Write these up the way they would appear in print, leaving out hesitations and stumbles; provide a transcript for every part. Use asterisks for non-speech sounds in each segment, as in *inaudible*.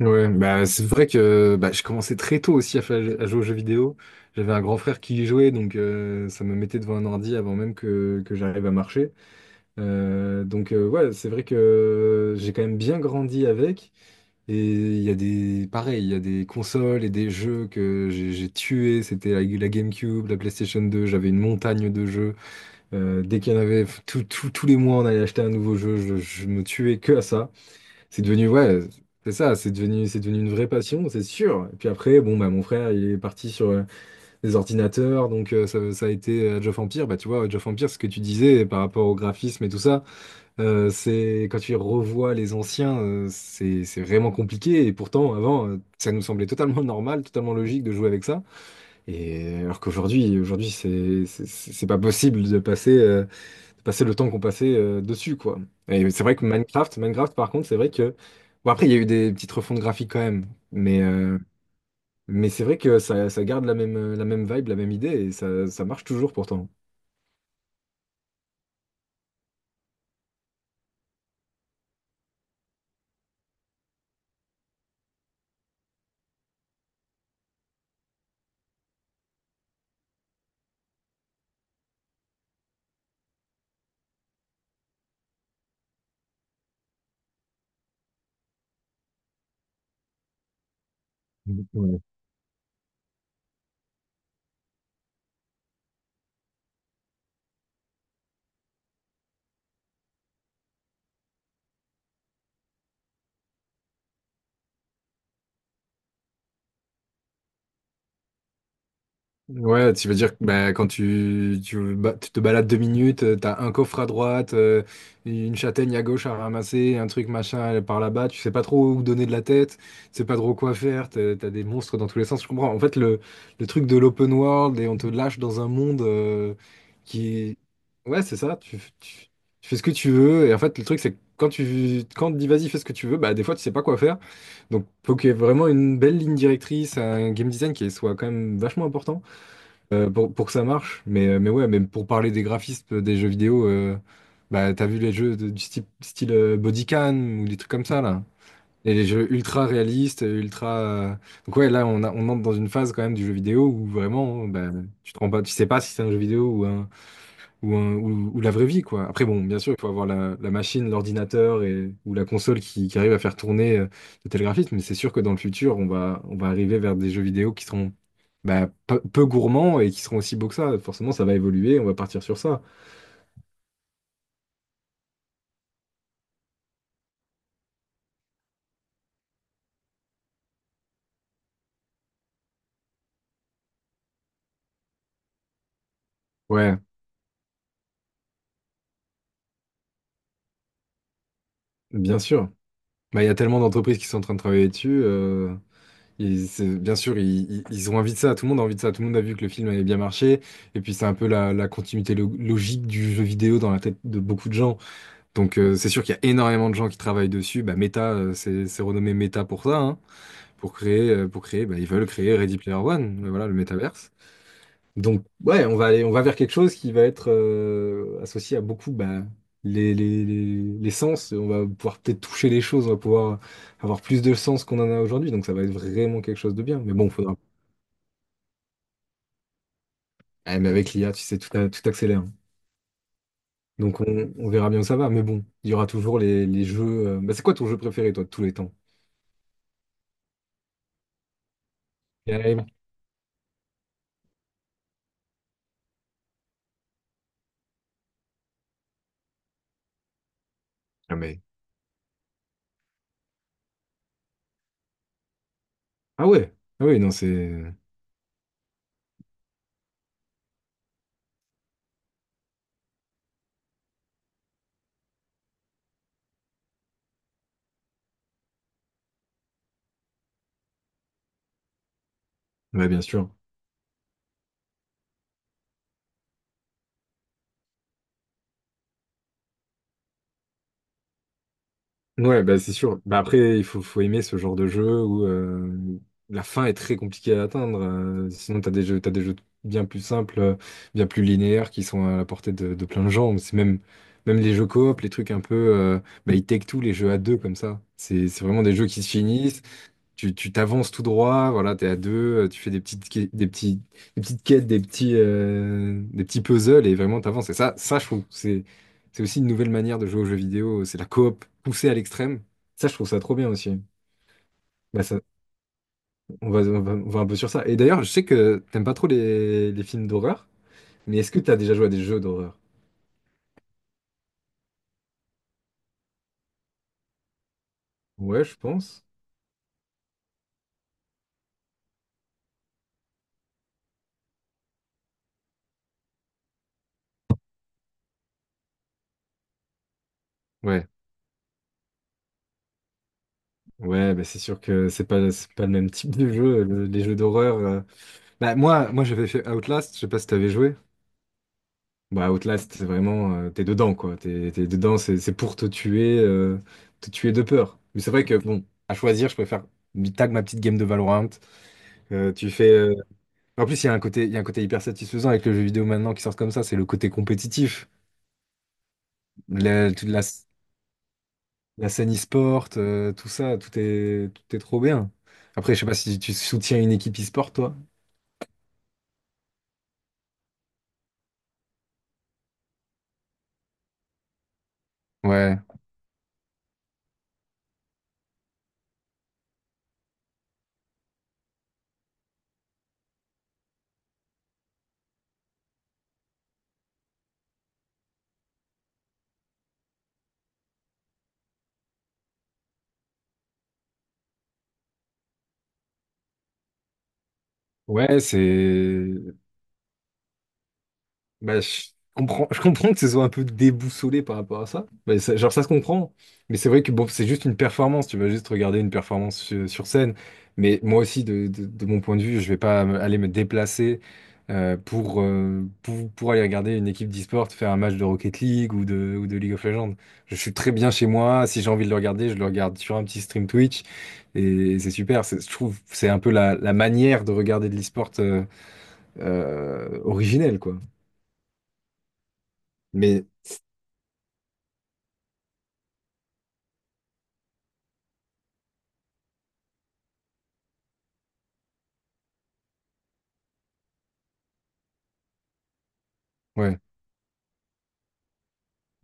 Ouais, bah c'est vrai que bah, je commençais très tôt aussi à, à jouer aux jeux vidéo. J'avais un grand frère qui y jouait, donc ça me mettait devant un ordi avant même que j'arrive à marcher. Ouais, c'est vrai que j'ai quand même bien grandi avec. Et il y a des, pareil, il y a des consoles et des jeux que j'ai tués. C'était la GameCube, la PlayStation 2. J'avais une montagne de jeux. Dès qu'il y en avait, tous les mois, on allait acheter un nouveau jeu. Je me tuais que à ça. C'est devenu, ouais, c'est ça, c'est devenu une vraie passion, c'est sûr. Et puis après, bon, bah, mon frère, il est parti sur des ordinateurs, donc ça a été Age of Empire. Bah, tu vois, Age of Empire, ce que tu disais par rapport au graphisme et tout ça, c'est quand tu revois les anciens, c'est vraiment compliqué. Et pourtant, avant, ça nous semblait totalement *laughs* normal, totalement logique de jouer avec ça. Alors qu'aujourd'hui, aujourd'hui, c'est pas possible de passer. C'est passé le temps qu'on passait dessus, quoi. Et c'est vrai que Minecraft, Minecraft, par contre, c'est vrai que... Bon, après, il y a eu des petites refontes graphiques quand même, mais, euh, mais c'est vrai que ça garde la même vibe, la même idée, et ça marche toujours pourtant. Voilà. Ouais, tu veux dire que bah, quand tu te balades deux minutes, t'as un coffre à droite, une châtaigne à gauche à ramasser, un truc machin par là-bas, tu sais pas trop où donner de la tête, tu sais pas trop quoi faire, t'as des monstres dans tous les sens, je comprends. En fait, le truc de l'open world et on te lâche dans un monde qui... est... Ouais, c'est ça, tu fais ce que tu veux, et en fait, le truc, c'est que quand tu, quand on te dit vas-y, fais ce que tu veux, bah des fois, tu sais pas quoi faire. Donc, faut qu'il y ait vraiment une belle ligne directrice, un game design qui soit quand même vachement important pour que ça marche. Mais ouais, même pour parler des graphismes des jeux vidéo, bah, t'as vu les jeux du style, style Bodycan ou des trucs comme ça, là. Et les jeux ultra réalistes, ultra. Donc ouais, là, on entre dans une phase quand même du jeu vidéo où vraiment, bah, tu te rends pas, tu sais pas si c'est un jeu vidéo ou un, ou la vraie vie, quoi. Après, bon, bien sûr, il faut avoir la machine, l'ordinateur et, ou la console qui arrive à faire tourner de tels graphismes, mais c'est sûr que dans le futur, on va arriver vers des jeux vidéo qui seront bah, peu gourmands et qui seront aussi beaux que ça. Forcément, ça va évoluer, on va partir sur ça. Ouais, bien sûr. Bah, il y a tellement d'entreprises qui sont en train de travailler dessus. Et bien sûr, ils ont envie de ça, tout le monde a envie de ça, tout le monde a vu que le film avait bien marché, et puis c'est un peu la, la continuité logique du jeu vidéo dans la tête de beaucoup de gens. C'est sûr qu'il y a énormément de gens qui travaillent dessus. Bah, Meta, c'est renommé Meta pour ça, hein. Pour créer, pour créer, bah, ils veulent créer Ready Player One, voilà le métaverse. Donc ouais, on va vers quelque chose qui va être associé à beaucoup bah, les sens. On va pouvoir peut-être toucher les choses, on va pouvoir avoir plus de sens qu'on en a aujourd'hui. Donc ça va être vraiment quelque chose de bien. Mais bon, faudra. Ah, mais avec l'IA, tu sais, tout accélère. Donc on verra bien où ça va. Mais bon, il y aura toujours les jeux. Bah, c'est quoi ton jeu préféré, toi, de tous les temps? Il Ah, mais Ah ouais, ah ouais, non, c'est. Ouais, bien sûr. Ouais, bah c'est sûr. Bah après, faut aimer ce genre de jeu où la fin est très compliquée à atteindre. Sinon, t'as des jeux bien plus simples, bien plus linéaires qui sont à la portée de plein de gens. C'est même, même les jeux coop, les trucs un peu. Bah, ils take tout, les jeux à deux comme ça. C'est vraiment des jeux qui se finissent. Tu t'avances tout droit, voilà, t'es à deux, tu fais des petites, des petites quêtes, des petits puzzles et vraiment t'avances. Et ça, je trouve, que c'est aussi une nouvelle manière de jouer aux jeux vidéo. C'est la coop poussée à l'extrême. Ça, je trouve ça trop bien aussi. Bah ça, on va un peu sur ça. Et d'ailleurs, je sais que t'aimes pas trop les films d'horreur, mais est-ce que t'as déjà joué à des jeux d'horreur? Ouais, je pense. Ouais, ouais, bah c'est sûr que c'est pas le même type de jeu, les jeux d'horreur. Bah moi, moi j'avais fait Outlast, je sais pas si t'avais joué. Bah, Outlast, c'est vraiment, t'es dedans, quoi. T'es dedans, c'est pour te tuer de peur. Mais c'est vrai que, bon, à choisir, je préfère tag ma petite game de Valorant. Tu fais. En plus, il y a un côté hyper satisfaisant avec le jeu vidéo maintenant qui sort comme ça, c'est le côté compétitif. La, toute la, la scène e-sport, tout ça, tout est trop bien. Après, je sais pas si tu soutiens une équipe e-sport, toi. Ouais. Ouais, c'est. Bah, je comprends que ce soit un peu déboussolé par rapport à ça. Mais genre, ça se comprend. Mais c'est vrai que bon, c'est juste une performance. Tu vas juste regarder une performance sur, sur scène. Mais moi aussi, de mon point de vue, je vais pas aller me déplacer pour aller regarder une équipe d'e-sport faire un match de Rocket League ou de League of Legends. Je suis très bien chez moi. Si j'ai envie de le regarder, je le regarde sur un petit stream Twitch. Et c'est super. Je trouve que c'est un peu la, la manière de regarder de l'e-sport originelle, quoi. Mais Ouais,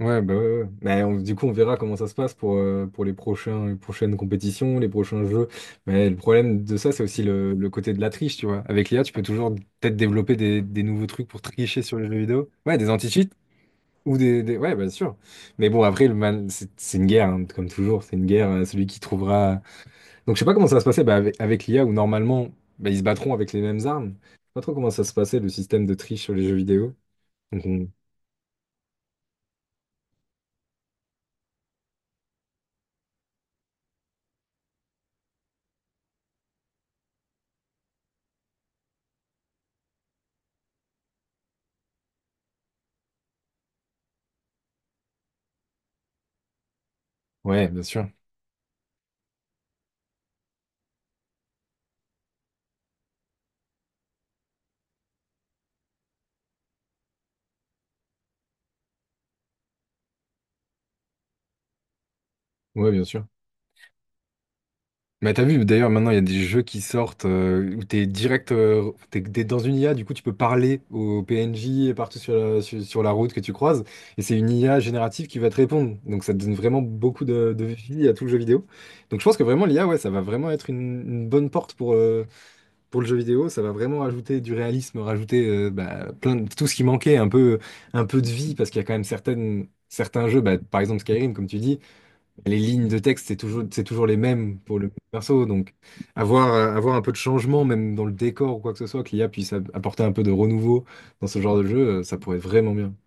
ouais, bah ouais, ouais. Mais du coup, on verra comment ça se passe pour les prochains, les prochaines compétitions, les prochains jeux. Mais le problème de ça, c'est aussi le côté de la triche, tu vois. Avec l'IA, tu peux toujours peut-être développer des nouveaux trucs pour tricher sur les jeux vidéo. Ouais, des anti-cheats ou des, Ouais, bien sûr. Mais bon, après, le mal, c'est une guerre, hein, comme toujours. C'est une guerre, celui qui trouvera... Donc, je sais pas comment ça va se passer bah, avec l'IA, où normalement, bah, ils se battront avec les mêmes armes. Je sais pas trop comment ça se passait, le système de triche sur les jeux vidéo. Donc, on- Ouais, bien sûr. Ouais, bien sûr. Mais t'as vu, d'ailleurs, maintenant, il y a des jeux qui sortent où t'es direct, t'es dans une IA, du coup, tu peux parler aux PNJ partout sur sur la route que tu croises, et c'est une IA générative qui va te répondre. Donc, ça donne vraiment beaucoup de vie à tout le jeu vidéo. Donc, je pense que vraiment, l'IA, ouais, ça va vraiment être une bonne porte pour le jeu vidéo. Ça va vraiment rajouter du réalisme, rajouter bah, plein de, tout ce qui manquait, un peu de vie, parce qu'il y a quand même certaines, certains jeux, bah, par exemple Skyrim, comme tu dis les lignes de texte, c'est toujours les mêmes pour le perso. Donc, avoir, avoir un peu de changement, même dans le décor ou quoi que ce soit, que l'I a, puisse apporter un peu de renouveau dans ce genre de jeu, ça pourrait être vraiment bien.